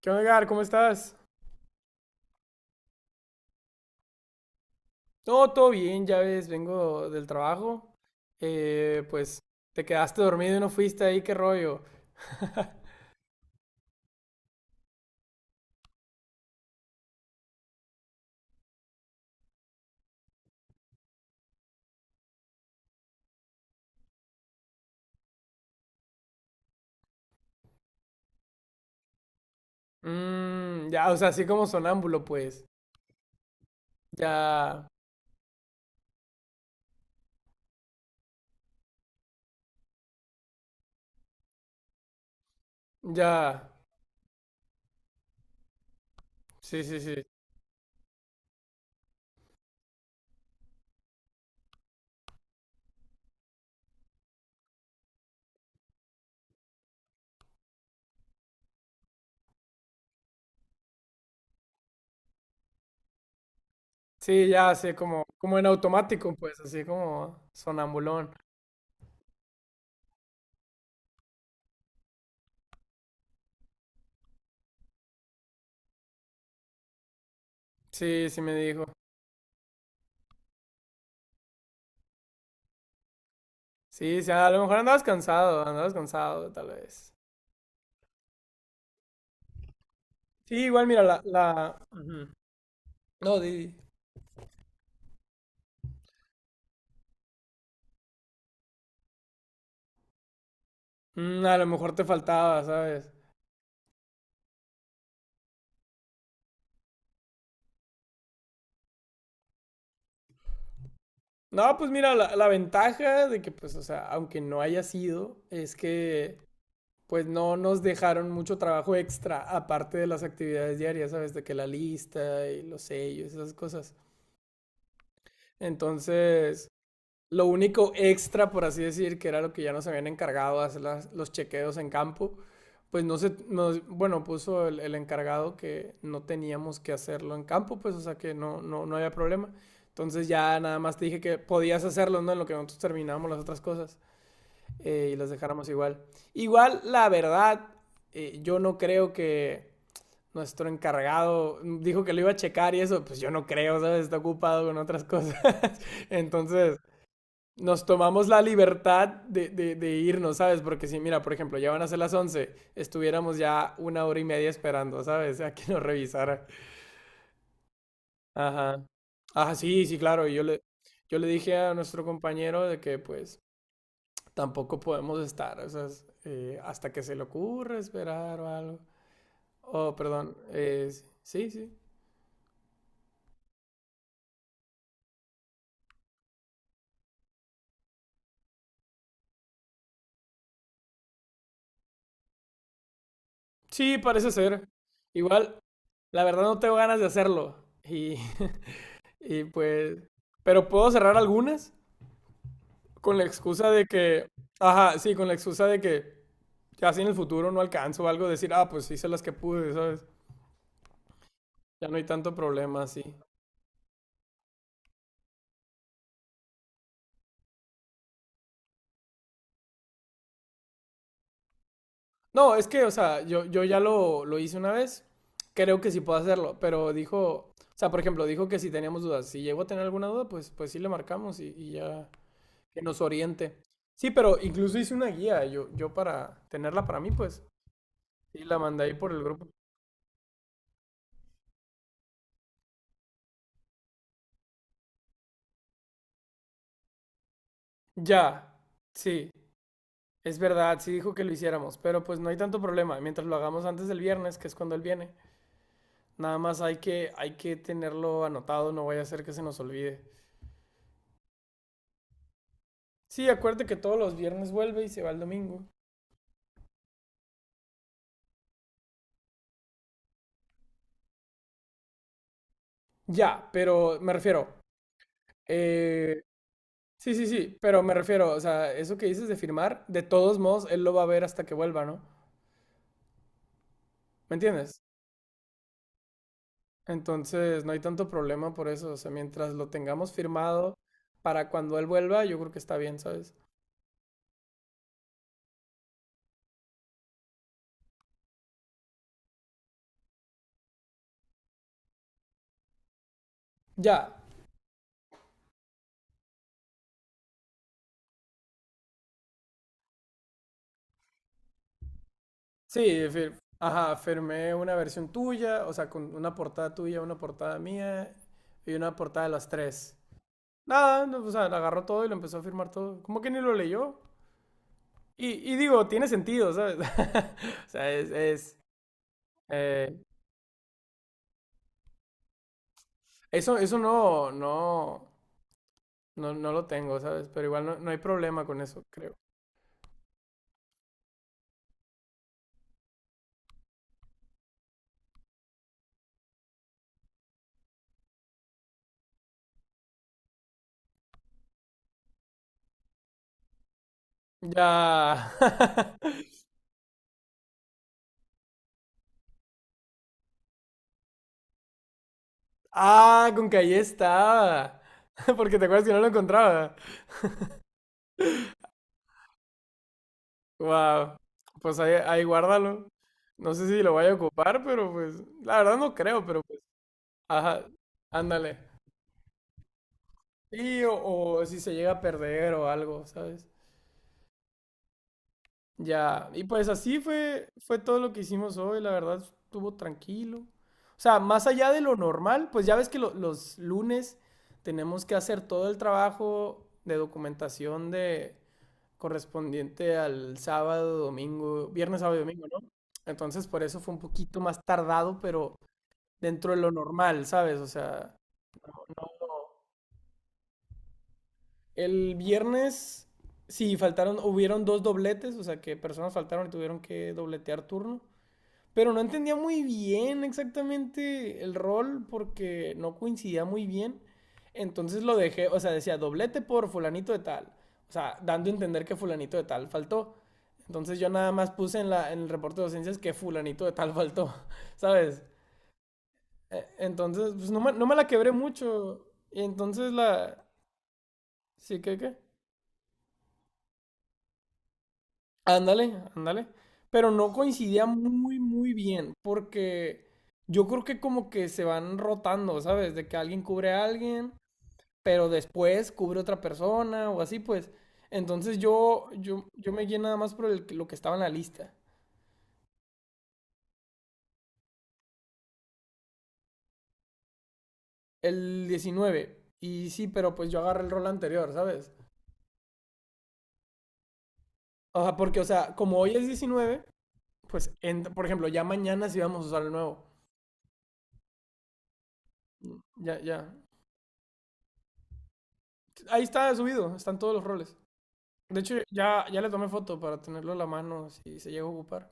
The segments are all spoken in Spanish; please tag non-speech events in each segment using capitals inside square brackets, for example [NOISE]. ¿Qué onda, Edgar? ¿Cómo estás? No, todo bien, ya ves, vengo del trabajo. Pues te quedaste dormido y no fuiste ahí, qué rollo. [LAUGHS] Mm, ya, o sea, así como sonámbulo, pues. Ya, ya. Sí, sí, sí. Sí, ya, así como, como en automático, pues, así como sonambulón. Sí, sí me dijo. Sí, sí, a lo mejor andabas cansado, tal vez. Sí, igual, mira, la... Ujú. No, di. Di. Mm, a lo mejor te faltaba, ¿sabes? No, pues mira, la ventaja de que, pues, o sea, aunque no haya sido, es que, pues, no nos dejaron mucho trabajo extra, aparte de las actividades diarias, ¿sabes? De que la lista y los sellos, esas cosas. Entonces, lo único extra, por así decir, que era lo que ya nos habían encargado hacer las- los chequeos en campo, pues no se, nos- bueno, puso el encargado que no teníamos que hacerlo en campo, pues o sea que no, no, no había problema. Entonces ya nada más te dije que podías hacerlo, ¿no? En lo que nosotros terminábamos las otras cosas y las dejáramos igual. Igual, la verdad, yo no creo que nuestro encargado dijo que lo iba a checar y eso, pues yo no creo, ¿sabes? Está ocupado con otras cosas. [LAUGHS] Entonces, nos tomamos la libertad de, de irnos, ¿sabes? Porque si, mira, por ejemplo, ya van a ser las 11, estuviéramos ya una hora y media esperando, ¿sabes? A que nos revisara. Ajá. Ajá, sí, sí, claro. Y yo le dije a nuestro compañero de que, pues, tampoco podemos estar, o sea, es, hasta que se le ocurra esperar o algo. Oh, perdón. Sí, sí. Sí, parece ser. Igual, la verdad no tengo ganas de hacerlo. Y, [LAUGHS] y pues, pero puedo cerrar algunas. Con la excusa de que, ajá, sí, con la excusa de que ya si en el futuro no alcanzo o algo, decir, ah, pues hice las que pude, ¿sabes? Ya no hay tanto problema así. No, es que, o sea, yo ya lo hice una vez, creo que sí puedo hacerlo, pero dijo, o sea, por ejemplo, dijo que si teníamos dudas, si llego a tener alguna duda, pues, pues sí le marcamos y ya que nos oriente. Sí, pero incluso hice una guía, yo para tenerla para mí, pues, y la mandé ahí por el grupo. Ya, sí. Es verdad, sí dijo que lo hiciéramos, pero pues no hay tanto problema. Mientras lo hagamos antes del viernes, que es cuando él viene, nada más hay que tenerlo anotado, no vaya a ser que se nos olvide. Sí, acuérdate que todos los viernes vuelve y se va el domingo. Ya, pero me refiero, eh, sí, sí, sí, pero me refiero, o sea, eso que dices de firmar, de todos modos, él lo va a ver hasta que vuelva, ¿no? ¿Me entiendes? Entonces, no hay tanto problema por eso, o sea, mientras lo tengamos firmado para cuando él vuelva, yo creo que está bien, ¿sabes? Ya. Sí, fir- ajá, firmé una versión tuya, o sea, con una portada tuya, una portada mía y una portada de las tres. Nada, no, o sea, agarró todo y lo empezó a firmar todo. Como que ni lo leyó. Y digo, tiene sentido, ¿sabes? [LAUGHS] O sea, es, eh, eso, eso no, no, no, no lo tengo, ¿sabes? Pero igual no, no hay problema con eso, creo. Ya. [LAUGHS] Ah, con que ahí está. [LAUGHS] Porque te acuerdas que no lo encontraba. Wow. Pues ahí, ahí guárdalo. No sé si lo vaya a ocupar, pero pues, la verdad no creo, pero pues, ajá, ándale. Sí, o si se llega a perder o algo, ¿sabes? Ya, y pues así fue, fue todo lo que hicimos hoy, la verdad estuvo tranquilo. O sea, más allá de lo normal, pues ya ves que lo- los lunes tenemos que hacer todo el trabajo de documentación de, correspondiente al sábado, domingo, viernes, sábado y domingo, ¿no? Entonces por eso fue un poquito más tardado, pero dentro de lo normal, ¿sabes? O sea, el viernes sí faltaron, hubieron dos dobletes, o sea que personas faltaron y tuvieron que dobletear turno. Pero no entendía muy bien exactamente el rol porque no coincidía muy bien. Entonces lo dejé, o sea, decía doblete por fulanito de tal. O sea, dando a entender que fulanito de tal faltó. Entonces yo nada más puse en, la, en el reporte de docencias que fulanito de tal faltó, [LAUGHS] ¿sabes? Entonces, pues no me, no me la quebré mucho. Y entonces la... ¿Sí qué qué? Ándale, ándale. Pero no coincidía muy, muy bien, porque yo creo que como que se van rotando, ¿sabes? De que alguien cubre a alguien, pero después cubre otra persona o así, pues. Entonces yo me guié nada más por el- que- lo que estaba en la lista, el diecinueve. Y sí, pero pues yo agarré el rol anterior, ¿sabes? O sea, porque, o sea, como hoy es 19, pues, en- por ejemplo, ya mañana sí vamos a usar el nuevo. Ya, ya. Ahí está subido, están todos los roles. De hecho, ya, ya le tomé foto para tenerlo a la mano si se llega a ocupar.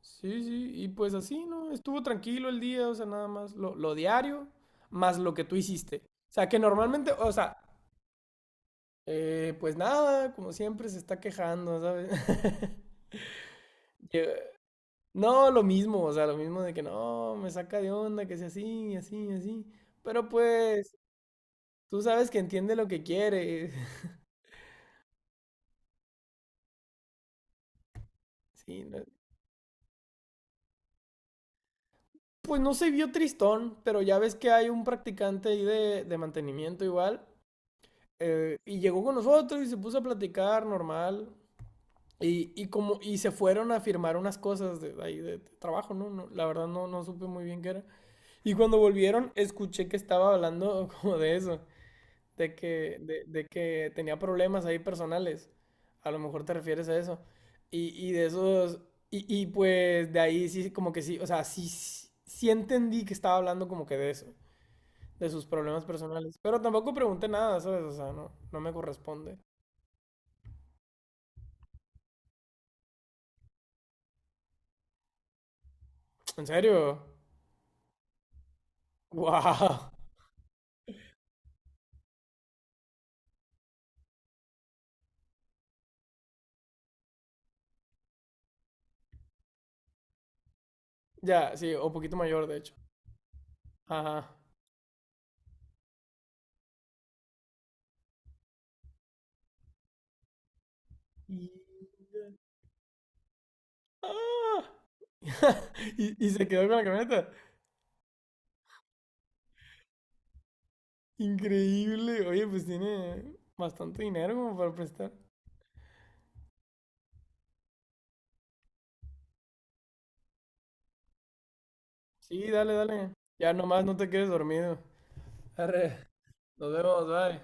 Sí, sí, y pues así, ¿no? Estuvo tranquilo el día, o sea, nada más lo diario, más lo que tú hiciste. O sea, que normalmente, o sea, pues nada, como siempre se está quejando, ¿sabes? [LAUGHS] Que, no, lo mismo, o sea, lo mismo de que no, me saca de onda, que sea así, así, así. Pero pues, tú sabes que entiende lo que quiere. [LAUGHS] Sí, no. Pues no se vio tristón, pero ya ves que hay un practicante ahí de mantenimiento igual. Y llegó con nosotros y se puso a platicar normal. Y como, y se fueron a firmar unas cosas de, ahí de, trabajo, ¿no? No, la verdad no, no supe muy bien qué era. Y cuando volvieron, escuché que estaba hablando [LAUGHS] como de eso de que tenía problemas ahí personales. A lo mejor te refieres a eso. Y de esos, y pues de ahí sí, como que sí, o sea, sí, sí sí entendí que estaba hablando como que de eso, de sus problemas personales. Pero tampoco pregunté nada, ¿sabes? O sea, no, no me corresponde. ¿En serio? [LAUGHS] ¡Wow! Ya, sí, o poquito mayor, de hecho. Ajá. Y... ¡Ah! [LAUGHS] Y, y se quedó con la camioneta. Increíble. Oye, pues tiene bastante dinero como para prestar. Sí, dale, dale. Ya nomás no te quedes dormido. Arre, nos vemos, bye.